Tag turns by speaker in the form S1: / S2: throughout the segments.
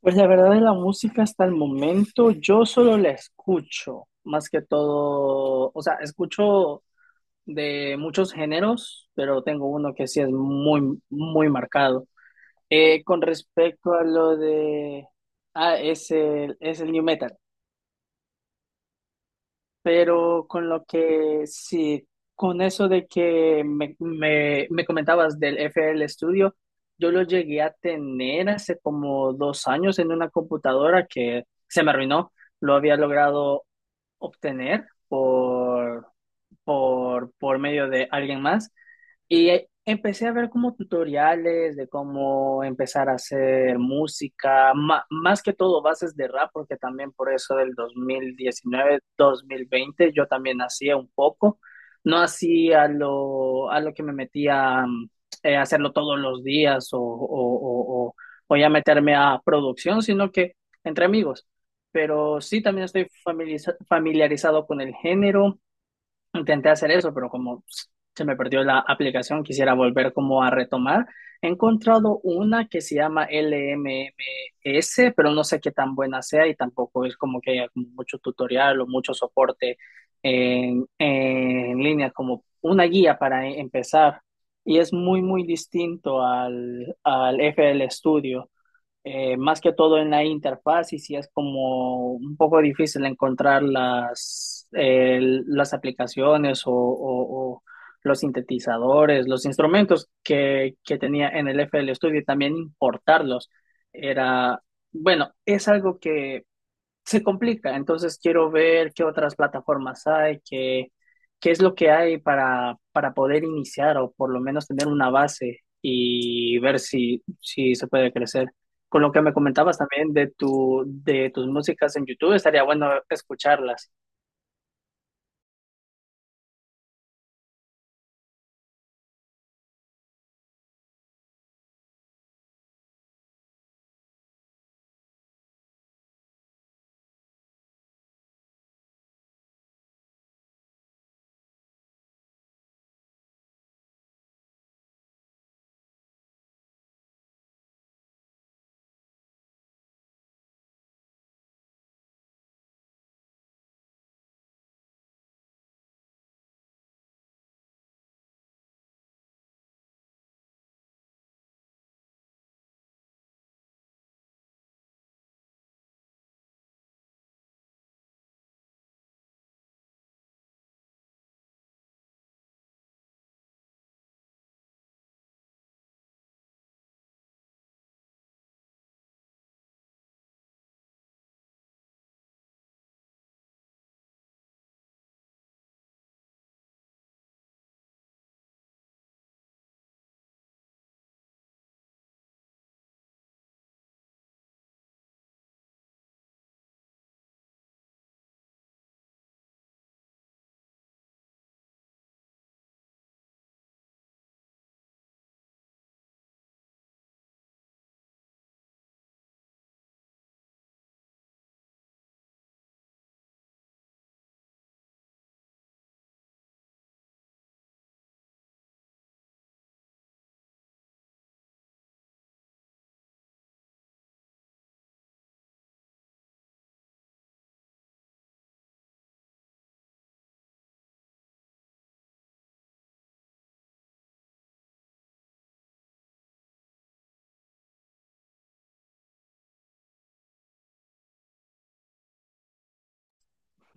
S1: Pues la verdad de la música hasta el momento, yo solo la escucho, más que todo, o sea, escucho de muchos géneros, pero tengo uno que sí es muy, muy marcado. Con respecto a lo de, ah, Es el new metal. Pero con lo que sí, con eso de que me comentabas del FL Studio, yo lo llegué a tener hace como 2 años en una computadora que se me arruinó. Lo había logrado obtener por medio de alguien más y empecé a ver como tutoriales de cómo empezar a hacer música, más que todo bases de rap, porque también por eso del dos mil diecinueve, 2020 yo también hacía un poco, no hacía a lo que me metía hacerlo todos los días o, o- o ya meterme a producción, sino que entre amigos. Pero sí, también estoy familiarizado con el género. Intenté hacer eso, pero como se me perdió la aplicación, quisiera volver como a retomar. He encontrado una que se llama LMMS, pero no sé qué tan buena sea y tampoco es como que haya como mucho tutorial o mucho soporte en línea, como una guía para empezar. Y es muy, muy distinto al FL Studio, más que todo en la interfaz, y sí es como un poco difícil encontrar las aplicaciones o los sintetizadores, los instrumentos que tenía en el FL Studio y también importarlos. Era, bueno, es algo que se complica. Entonces quiero ver qué otras plataformas hay, qué es lo que hay para poder iniciar o por lo menos tener una base y ver si se puede crecer. Con lo que me comentabas también de tus músicas en YouTube, estaría bueno escucharlas.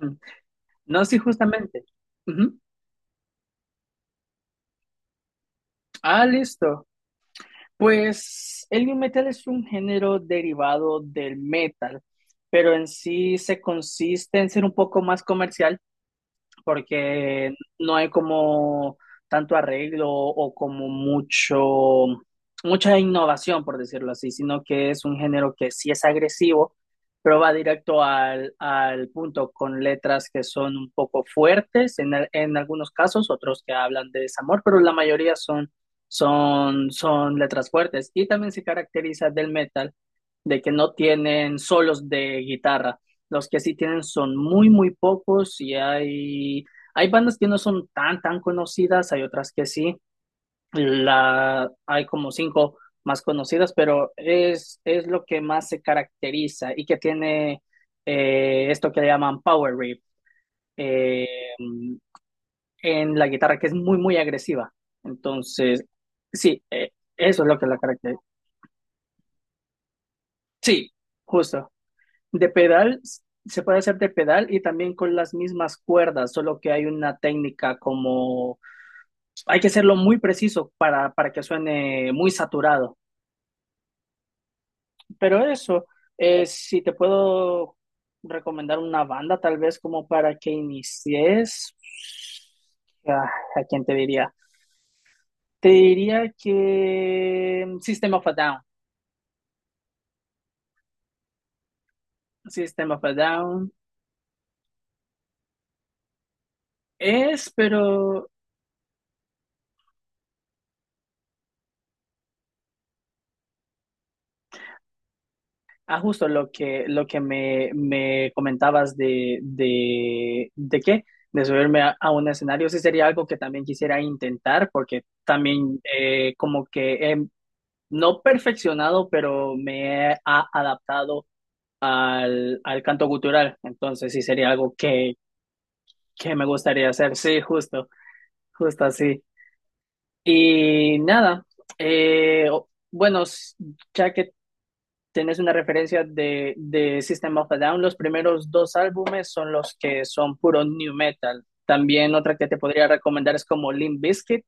S1: Mm. No, sí, justamente. Ujú. Ah, listo. Pues el nu metal es un género derivado del metal, pero en sí se consiste en ser un poco más comercial porque no hay como tanto arreglo o como mucha innovación, por decirlo así, sino que es un género que sí es agresivo, pero va directo al punto con letras que son un poco fuertes en algunos casos, otros que hablan de desamor, pero la mayoría son letras fuertes. Y también se caracteriza del metal de que no tienen solos de guitarra. Los que sí tienen son muy, muy pocos y hay bandas que no son tan, tan conocidas, hay otras que sí. Hay como cinco más conocidas, pero es lo que más se caracteriza y que tiene esto que le llaman power riff, eh, en la guitarra, que es muy, muy agresiva. Entonces, sí, eso es lo que la caracteriza. Sí, justo. De pedal, se puede hacer de pedal y también con las mismas cuerdas, solo que hay una técnica como hay que hacerlo muy preciso para que suene muy saturado. Pero eso, si te puedo recomendar una banda, tal vez como para que inicies, ah, ¿a quién te diría? Te diría que, System of a Down. System of a Down es, pero... justo lo que, me comentabas de subirme a un escenario, sí sería algo que también quisiera intentar, porque también como que he no perfeccionado, pero me he adaptado al canto cultural, entonces sí sería algo que me gustaría hacer, sí, justo, justo así. Y nada, eh, bueno, ya que tenés una referencia de System of a Down, los primeros dos álbumes son los que son puro new metal. También otra que te podría recomendar es como Limp Bizkit,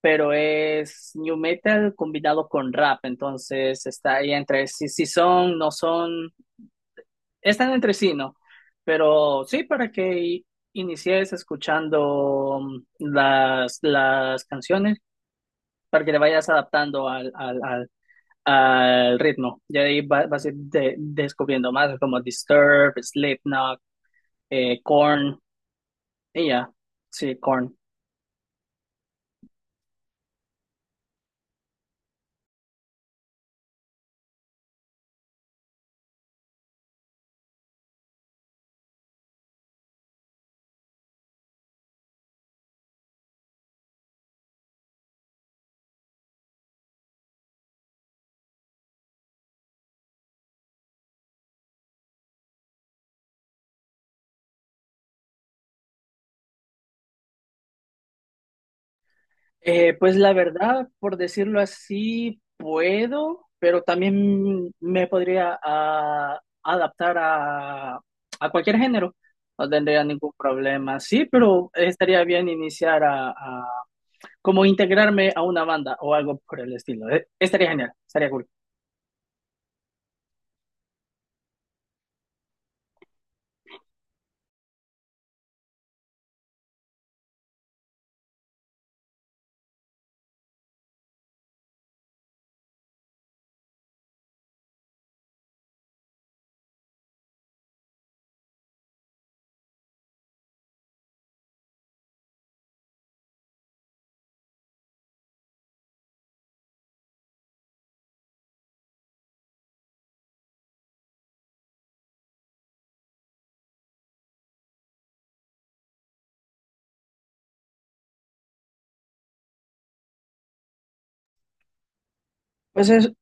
S1: pero es new metal combinado con rap, entonces está ahí entre si son, no son, están entre sí, ¿no? Pero sí, para que inicies escuchando, las canciones, para que le vayas adaptando al ritmo. Ya de ahí vas a ir descubriendo más como Disturbed, Slipknot, Korn, y ya, sí, Korn. Pues la verdad, por decirlo así, puedo, pero también me podría adaptar a cualquier género. No tendría ningún problema, sí, pero estaría bien iniciar como integrarme a una banda o algo por el estilo. Estaría genial, estaría cool. Pues es-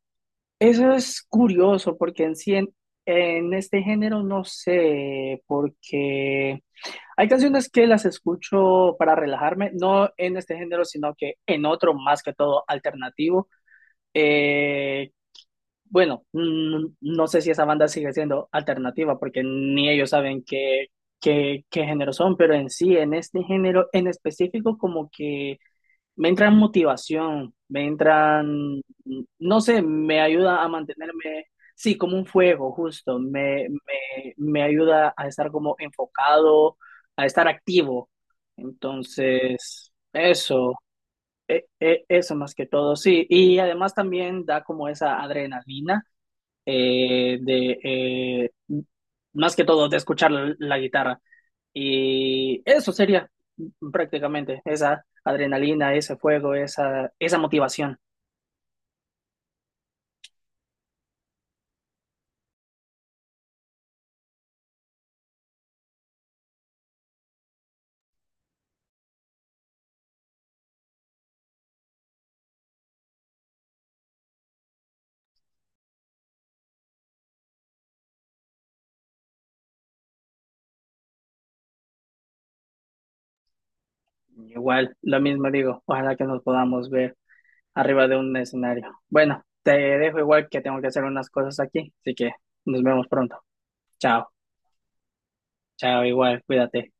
S1: Eso es curioso porque en sí, en este género no sé, porque hay canciones que las escucho para relajarme, no en este género, sino que en otro más que todo alternativo. Eh, bueno, no sé si esa banda sigue siendo alternativa porque ni ellos saben qué género son, pero en sí, en este género en específico, como que me entra motivación, me entran, no sé, me ayuda a mantenerme, sí, como un fuego, justo, me ayuda a estar como enfocado, a estar activo. Entonces, eso más que todo, sí. Y además también da como esa adrenalina, eh, de, eh, más que todo, de escuchar la guitarra. Y eso sería prácticamente esa adrenalina, ese fuego, esa motivación. Igual, lo mismo digo, ojalá que nos podamos ver arriba de un escenario. Bueno, te dejo igual que tengo que hacer unas cosas aquí, así que nos vemos pronto. Chao, chao, igual, cuídate.